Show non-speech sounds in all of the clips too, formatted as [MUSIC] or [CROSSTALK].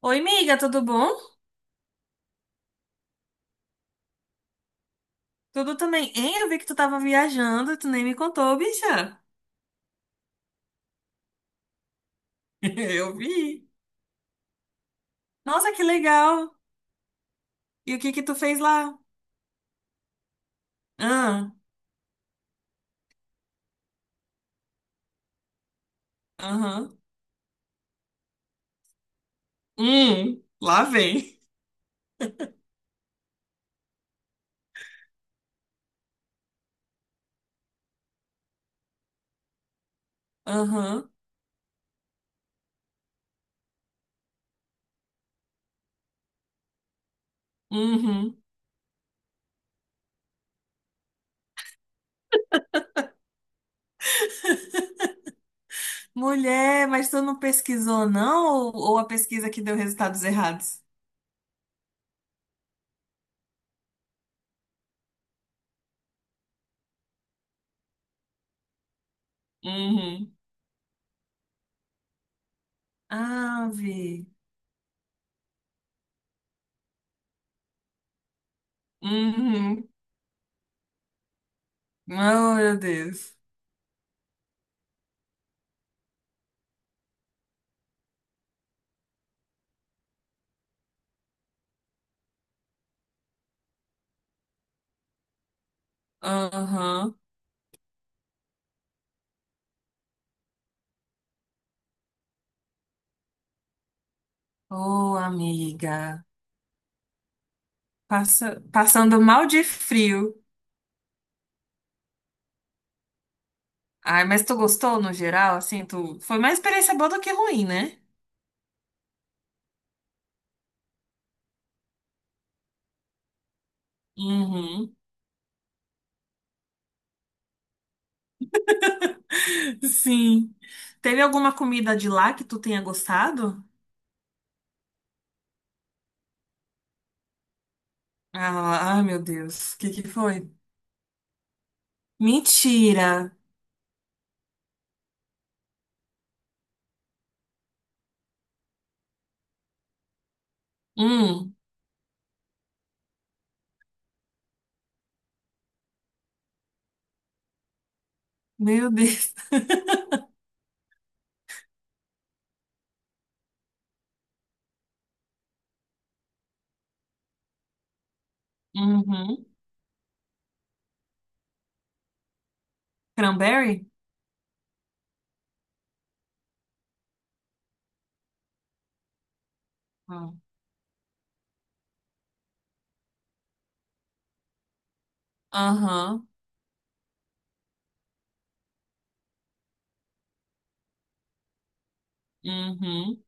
Oi, amiga, tudo bom? Tudo também. Hein, eu vi que tu tava viajando, e tu nem me contou, bicha. [LAUGHS] Eu vi. Nossa, que legal. E o que que tu fez lá? Ah, aham. Lá vem. Aham, uhum. Mulher, mas tu não pesquisou, não? Ou a pesquisa que deu resultados errados? Uhum. Ave. Uhum. Oh, meu Deus. Aham. Ô, amiga. Passando mal de frio. Ai, mas tu gostou no geral? Assim, tu... foi mais experiência boa do que ruim, né? Uhum. Sim. Teve alguma comida de lá que tu tenha gostado? Ah, ai, meu Deus. O que que foi? Mentira. Hum, meu Deus. [LAUGHS] Uhum. Cranberry? Ah. Aham. Uhum.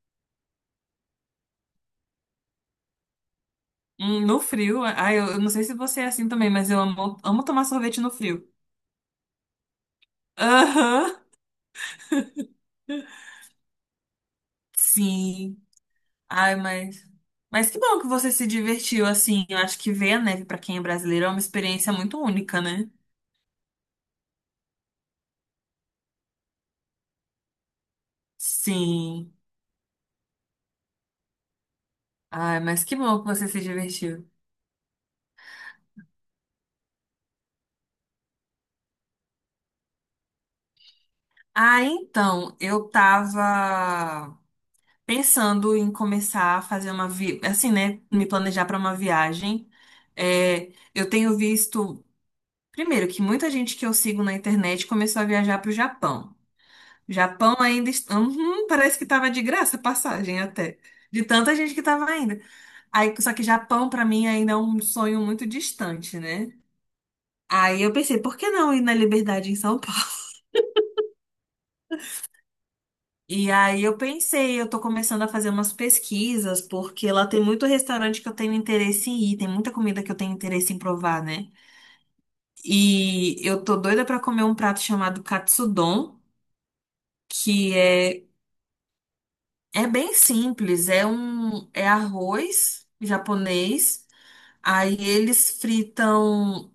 No frio. Ai, eu não sei se você é assim também, mas eu amo, amo tomar sorvete no frio. Aham. [LAUGHS] Sim. Ai, mas. Mas que bom que você se divertiu assim. Eu acho que ver a neve pra quem é brasileiro é uma experiência muito única, né? Sim. Ai, mas que bom que você se divertiu. Ah, então, eu tava pensando em começar a fazer uma vi... assim, né, me planejar para uma viagem. É, eu tenho visto, primeiro, que muita gente que eu sigo na internet começou a viajar para o Japão. Japão ainda está. Uhum, parece que tava de graça a passagem até. De tanta gente que tava ainda. Aí, só que Japão, pra mim, ainda é um sonho muito distante, né? Aí eu pensei, por que não ir na Liberdade em São Paulo? E aí eu pensei, eu tô começando a fazer umas pesquisas, porque lá tem muito restaurante que eu tenho interesse em ir, tem muita comida que eu tenho interesse em provar, né? E eu tô doida pra comer um prato chamado katsudon, que é... É bem simples, é um... é arroz japonês. Aí eles fritam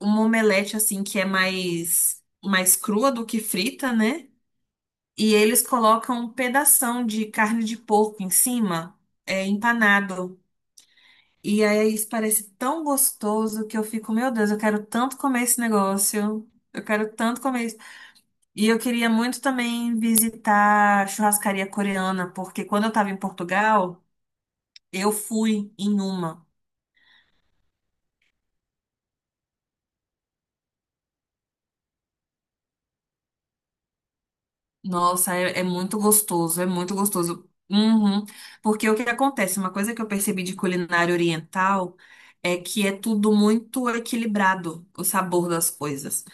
uma omelete assim que é mais crua do que frita, né? E eles colocam um pedação de carne de porco em cima, é empanado. E aí isso parece tão gostoso que eu fico, meu Deus, eu quero tanto comer esse negócio. Eu quero tanto comer isso. E eu queria muito também visitar a churrascaria coreana, porque quando eu estava em Portugal... Eu fui em uma. Nossa, é, é muito gostoso, é muito gostoso. Uhum. Porque o que acontece? Uma coisa que eu percebi de culinária oriental é que é tudo muito equilibrado, o sabor das coisas.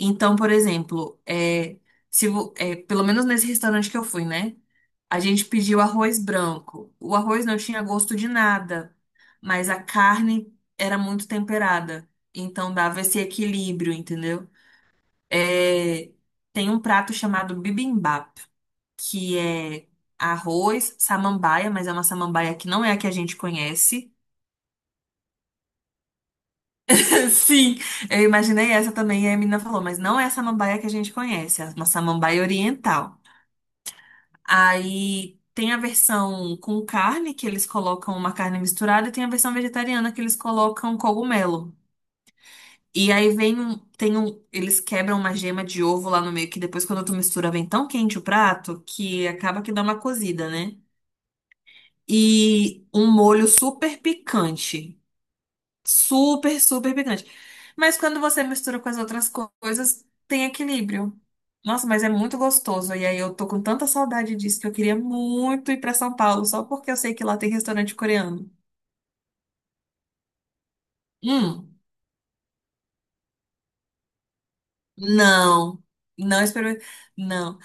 Então, por exemplo, é, se, vo- é, pelo menos nesse restaurante que eu fui, né? A gente pediu arroz branco. O arroz não tinha gosto de nada, mas a carne era muito temperada. Então dava esse equilíbrio, entendeu? É, tem um prato chamado bibimbap, que é arroz, samambaia, mas é uma samambaia que não é a que a gente conhece. [LAUGHS] Sim, eu imaginei essa também, e a menina falou, mas não é a samambaia que a gente conhece, é uma samambaia oriental. Aí tem a versão com carne, que eles colocam uma carne misturada, e tem a versão vegetariana, que eles colocam cogumelo. E aí vem um, tem um, eles quebram uma gema de ovo lá no meio, que depois quando tu mistura vem tão quente o prato que acaba que dá uma cozida, né? E um molho super picante. Super, super picante. Mas quando você mistura com as outras co- coisas, tem equilíbrio. Nossa, mas é muito gostoso. E aí eu tô com tanta saudade disso que eu queria muito ir pra São Paulo, só porque eu sei que lá tem restaurante coreano. Hum, não. Não experimentei. Não.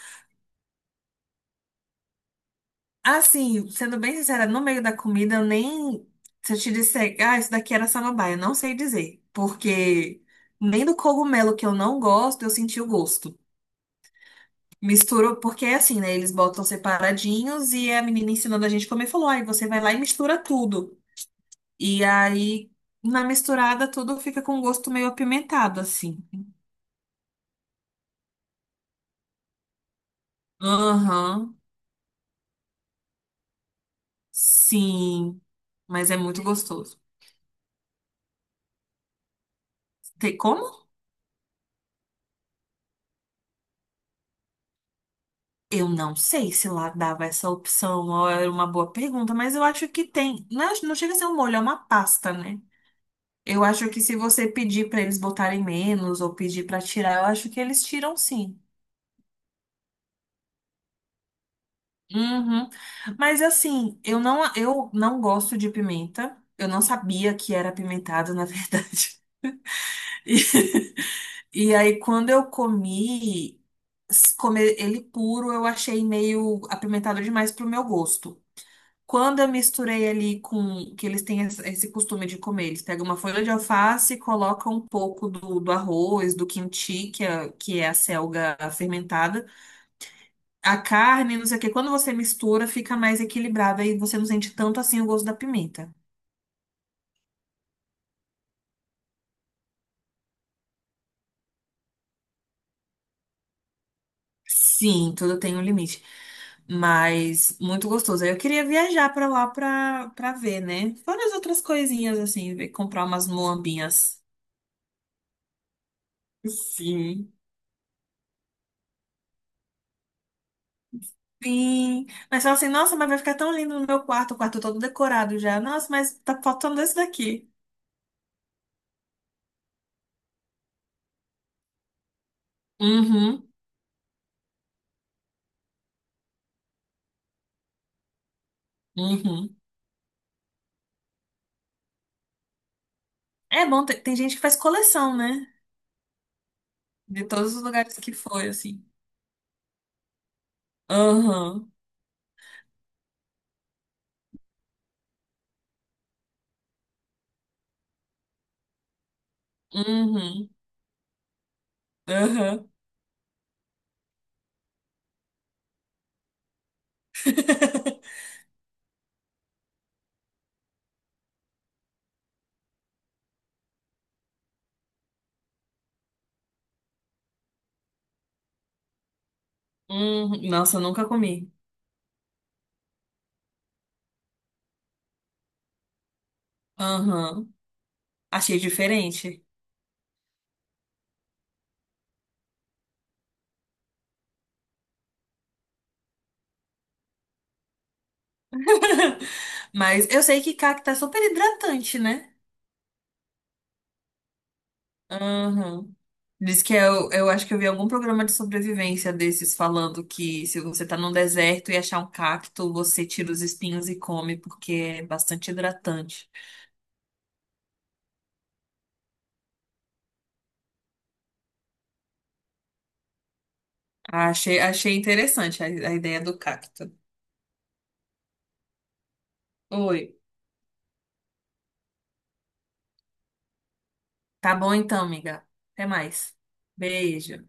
Assim, sendo bem sincera, no meio da comida eu nem... Se eu te disser, ah, isso daqui era samambaia, eu não sei dizer. Porque nem do cogumelo que eu não gosto, eu senti o gosto. Misturou, porque é assim, né? Eles botam separadinhos e a menina ensinando a gente comer falou: aí você vai lá e mistura tudo. E aí, na misturada, tudo fica com um gosto meio apimentado, assim. Aham, sim, mas é muito gostoso. Tem. Eu não sei se lá dava essa opção, ou era uma boa pergunta, mas eu acho que tem. Não, é- não chega a ser um molho, é uma pasta, né? Eu acho que se você pedir pra eles botarem menos ou pedir pra tirar, eu acho que eles tiram sim. Uhum. Mas assim, eu não gosto de pimenta. Eu não sabia que era apimentado, na verdade. [LAUGHS] E aí, quando eu comi, s- comer ele puro, eu achei meio apimentado demais pro meu gosto. Quando eu misturei ali com que eles têm esse costume de comer, eles pegam uma folha de alface e colocam um pouco do, do arroz, do quinti, que é a selga fermentada, a carne, não sei o quê. Quando você mistura, fica mais equilibrado e você não sente tanto assim o gosto da pimenta. Sim, tudo tem um limite, mas muito gostoso. Aí eu queria viajar pra lá pra, pra ver, né? Fora as outras coisinhas assim, ver- comprar umas moambinhas. Sim. Sim, mas fala assim, nossa, mas vai ficar tão lindo no meu quarto, o quarto todo decorado já. Nossa, mas tá faltando esse daqui. Uhum, uhum. É bom, tem, tem gente que faz coleção, né? De todos os lugares que foi, assim. Aham, uhum, aham. [LAUGHS] Uhum. Nossa, eu nunca comi. Aham. Achei diferente. [LAUGHS] Mas eu sei que cacto é super hidratante, né? Aham. Diz que eu acho que eu vi algum programa de sobrevivência desses falando que se você tá num deserto e achar um cacto, você tira os espinhos e come, porque é bastante hidratante. Achei, achei interessante a ideia do cacto. Oi. Tá bom então, amiga. Até mais. Beijo.